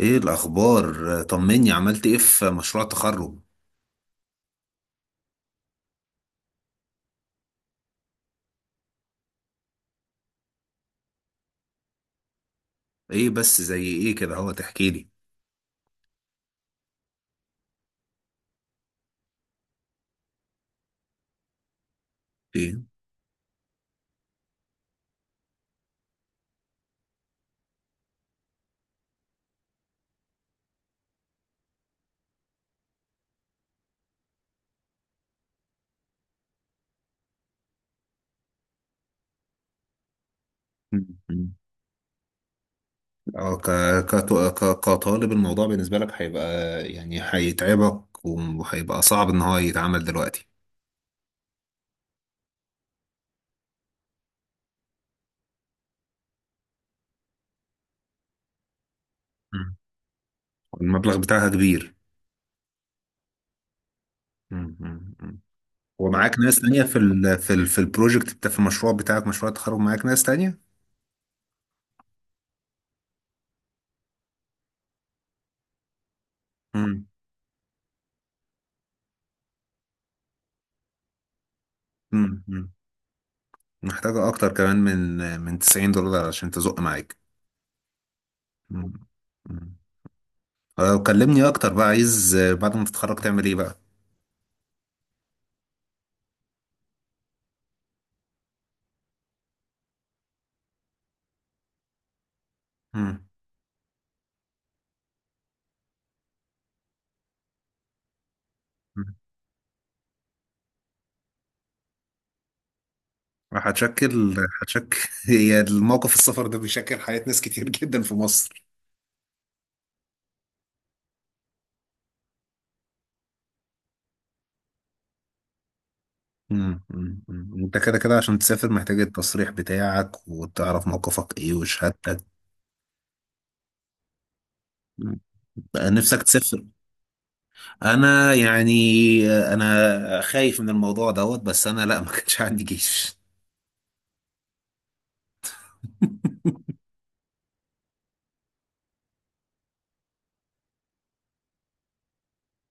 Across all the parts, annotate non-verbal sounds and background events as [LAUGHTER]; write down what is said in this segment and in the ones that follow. ايه الاخبار؟ طمني، عملت ايه في مشروع تخرج؟ ايه بس زي ايه كده؟ هو تحكي لي ايه؟ مم. اه ك... كطالب الموضوع بالنسبه لك هيبقى يعني هيتعبك، وهيبقى صعب ان هو يتعمل دلوقتي. مم. المبلغ بتاعها كبير. مم. مم. مم. ومعاك ناس تانية في البروجكت بتاع، في المشروع بتاعك، مشروع التخرج معاك ناس تانية؟ مم. مم. مم. محتاجة اكتر كمان من 90 دولار عشان تزق معاك. مم. مم. كلمني اكتر بقى، عايز بعد ما تتخرج تعمل ايه بقى؟ مم. مم. هتشكل هتشكل [LAUGHS] هي الموقف السفر ده بيشكل حياة ناس كتير جدا في مصر. انت كده كده عشان تسافر محتاج التصريح بتاعك، وتعرف موقفك ايه وشهادتك. مم. بقى نفسك تسافر. انا يعني انا خايف من الموضوع دوت، بس انا لا، ما كانش عندي جيش.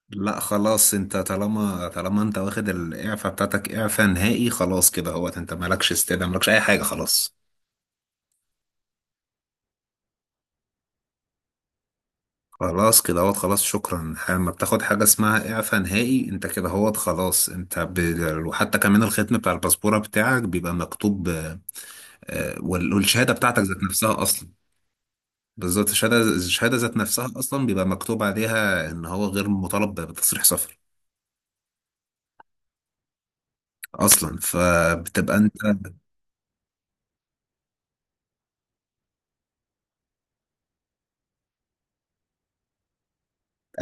لا خلاص، انت طالما انت واخد الاعفاء بتاعتك اعفاء نهائي خلاص كده اهوت، انت مالكش استدعاء، مالكش اي حاجه خلاص. خلاص كده اهوت خلاص، شكرا، لما بتاخد حاجه اسمها اعفاء نهائي انت كده اهوت خلاص. وحتى كمان الختم بتاع الباسبوره بتاعك بيبقى مكتوب والشهاده بتاعتك ذات نفسها اصلا. بالظبط، الشهاده ذات نفسها اصلا بيبقى مكتوب عليها ان هو غير مطالب بتصريح سفر اصلا، فبتبقى انت.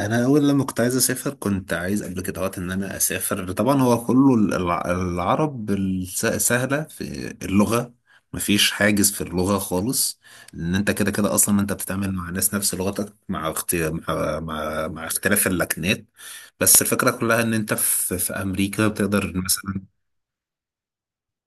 انا اول لما كنت عايز اسافر كنت عايز قبل كده وقت ان انا اسافر، طبعا هو كله العرب سهله في اللغه، مفيش حاجز في اللغه خالص، ان انت كده كده اصلا انت بتتعامل مع ناس نفس لغتك، مع اختي... مع... مع مع اختلاف اللكنات. بس الفكره كلها ان انت في امريكا بتقدر مثلا.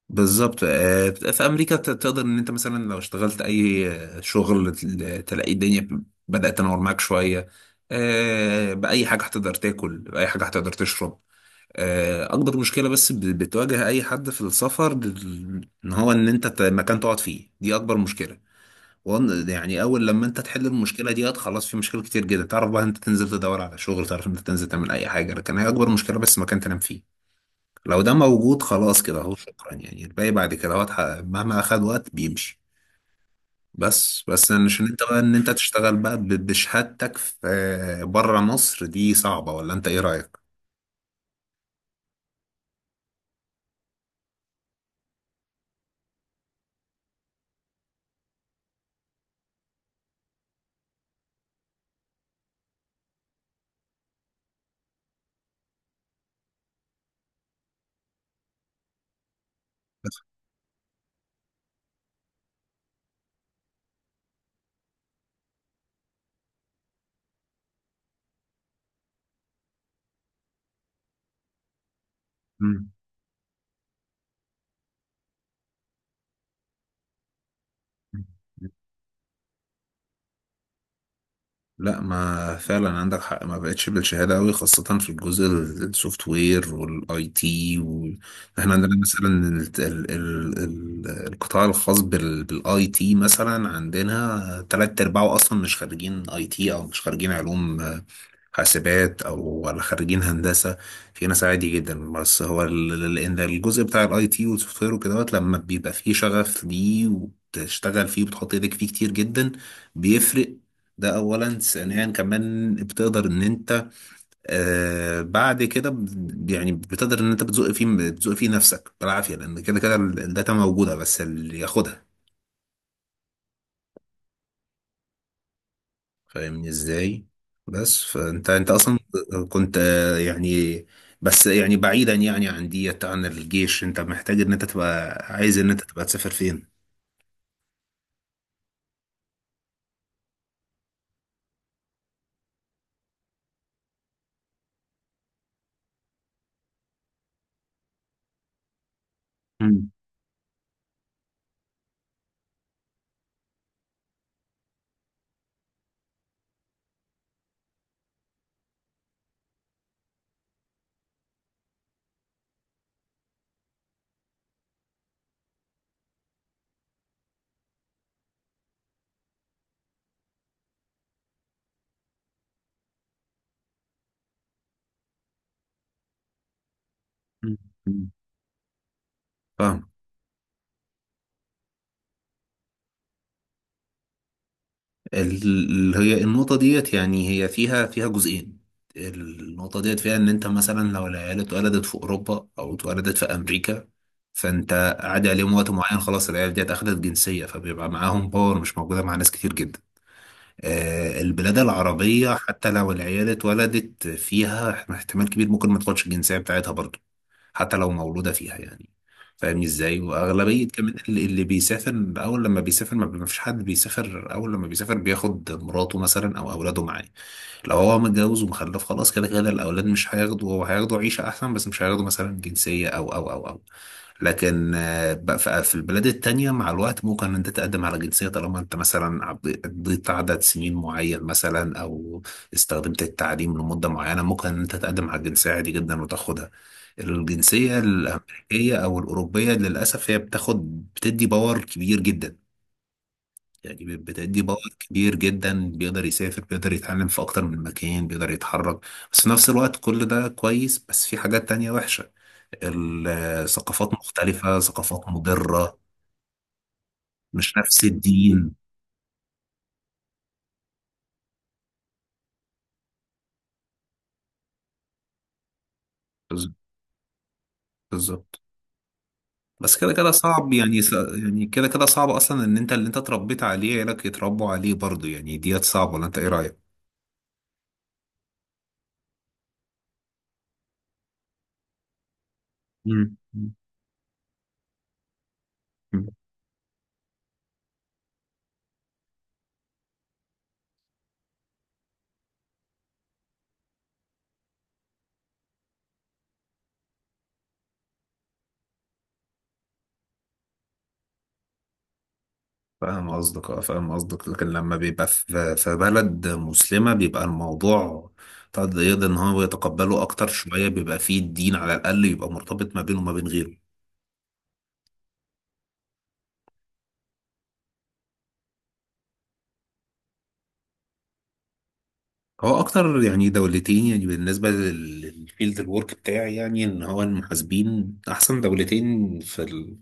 بالظبط، في امريكا تقدر ان انت مثلا لو اشتغلت اي شغل تلاقي الدنيا بدأت تنور معاك شويه. باي حاجه هتقدر تاكل، باي حاجه هتقدر تشرب. اكبر مشكله بس بتواجه اي حد في السفر ان هو ان انت مكان تقعد فيه، دي اكبر مشكله. يعني اول لما انت تحل المشكله دي خلاص، في مشاكل كتير جدا تعرف بقى انت تنزل تدور على شغل، تعرف انت تنزل تعمل اي حاجه، لكن هي اكبر مشكله بس مكان تنام فيه. لو ده موجود خلاص كده اهو شكرا، يعني الباقي بعد كده هو اتحقق. مهما اخد وقت بيمشي. بس أنا عشان انت بقى ان انت تشتغل بقى بشهادتك في بره مصر دي صعبة، ولا انت ايه رأيك؟ بس. مم. لا، ما فعلا عندك حق، ما بقتش بالشهاده قوي، خاصه في الجزء السوفت وير والاي تي. احنا عندنا مثلا القطاع الخاص بالاي تي مثلا، عندنا تلات ارباعه اصلا مش خريجين اي تي، او مش خريجين علوم حاسبات، او ولا خريجين هندسه. في ناس عادي جدا، بس هو ان الجزء بتاع الاي تي والسوفت وير وكده دوت لما بيبقى فيه شغف ليه، وتشتغل فيه، وبتحط ايدك فيه كتير جدا بيفرق. ده اولا. ثانيا كمان بتقدر ان انت بعد كده يعني بتقدر ان انت بتزق فيه نفسك بالعافيه، لان كده كده الداتا موجوده بس اللي ياخدها. فاهمني ازاي؟ بس فانت اصلا كنت بس يعني بعيدا يعني عن ديت، عن الجيش انت محتاج ان انت تبقى عايز ان انت تبقى تسافر فين. مم. مم. مم. فاهم. هي النقطة ديت يعني هي فيها جزئين. النقطة ديت فيها إن أنت مثلا لو العيال اتولدت في أوروبا أو اتولدت في أمريكا، فأنت عادي عليهم وقت معين، خلاص العيال ديت أخدت جنسية، فبيبقى معاهم باور مش موجودة مع ناس كتير جدا. البلاد العربية حتى لو العيال اتولدت فيها، احتمال كبير ممكن ما تاخدش الجنسية بتاعتها برضه، حتى لو مولودة فيها يعني. فاهمني ازاي؟ واغلبية كمان اللي بيسافر اول لما بيسافر، ما فيش حد بيسافر اول لما بيسافر بياخد مراته مثلا او اولاده معاه. لو هو متجوز ومخلف، خلاص كده كده الأولاد مش هياخدوا، هو هياخدوا عيشة أحسن، بس مش هياخدوا مثلا جنسية أو. لكن بقى في البلاد التانية مع الوقت ممكن أنت تقدم على جنسية، طالما أنت مثلا قضيت عدد سنين معين مثلا، أو استخدمت التعليم لمدة معينة، ممكن أنت تقدم على الجنسية عادي جدا وتاخدها. الجنسية الأمريكية أو الأوروبية للأسف هي بتاخد بتدي باور كبير جدا، يعني بتدي باور كبير جدا، بيقدر يسافر، بيقدر يتعلم في أكتر من مكان، بيقدر يتحرك. بس في نفس الوقت كل ده كويس، بس في حاجات تانية وحشة. الثقافات مختلفة، ثقافات مضرة، مش نفس الدين. بز- بالظبط. بس كده كده صعب يعني يعني كده كده صعب أصلا إن أنت اللي أنت اتربيت عليه عيالك يتربوا عليه برضه يعني. ديت صعبة ولا أنت إيه رأيك؟ مم. فاهم قصدك، اه فاهم قصدك، لكن لما بيبقى في بلد مسلمة بيبقى الموضوع طب يقدر ان هو يتقبله اكتر شوية، بيبقى فيه الدين على الاقل يبقى مرتبط ما بينه وما بين غيره. هو اكتر يعني دولتين، يعني بالنسبة للفيلد الورك بتاعي، يعني ان هو المحاسبين احسن دولتين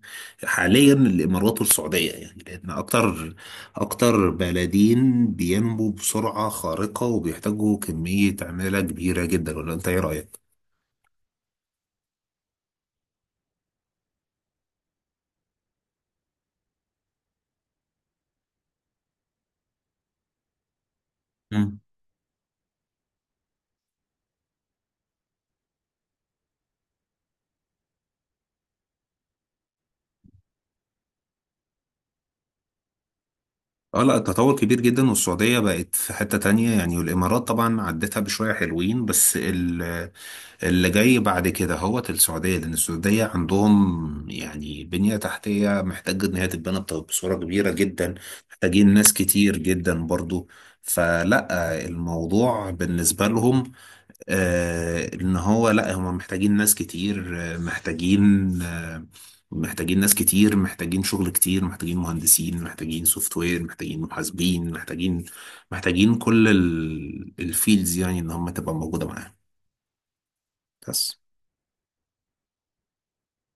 حاليا الامارات والسعودية، يعني لان اكتر بلدين بينمو بسرعة خارقة، وبيحتاجوا كمية عمالة كبيرة جدا، ولا انت ايه رأيك؟ مم. اه لا، التطور كبير جدا، والسعودية بقت في حتة تانية يعني، والإمارات طبعا عدتها بشوية حلوين، بس اللي جاي بعد كده هو السعودية، لأن السعودية عندهم يعني بنية تحتية محتاجة إن هي تتبنى بصورة كبيرة جدا، محتاجين ناس كتير جدا برضو. فلا الموضوع بالنسبة لهم ان هو لا، هم محتاجين ناس كتير، محتاجين ناس كتير، محتاجين شغل كتير، محتاجين مهندسين، محتاجين سوفت وير، محتاجين محاسبين، محتاجين كل الفيلدز، يعني ان هم تبقى موجودة معاهم بس.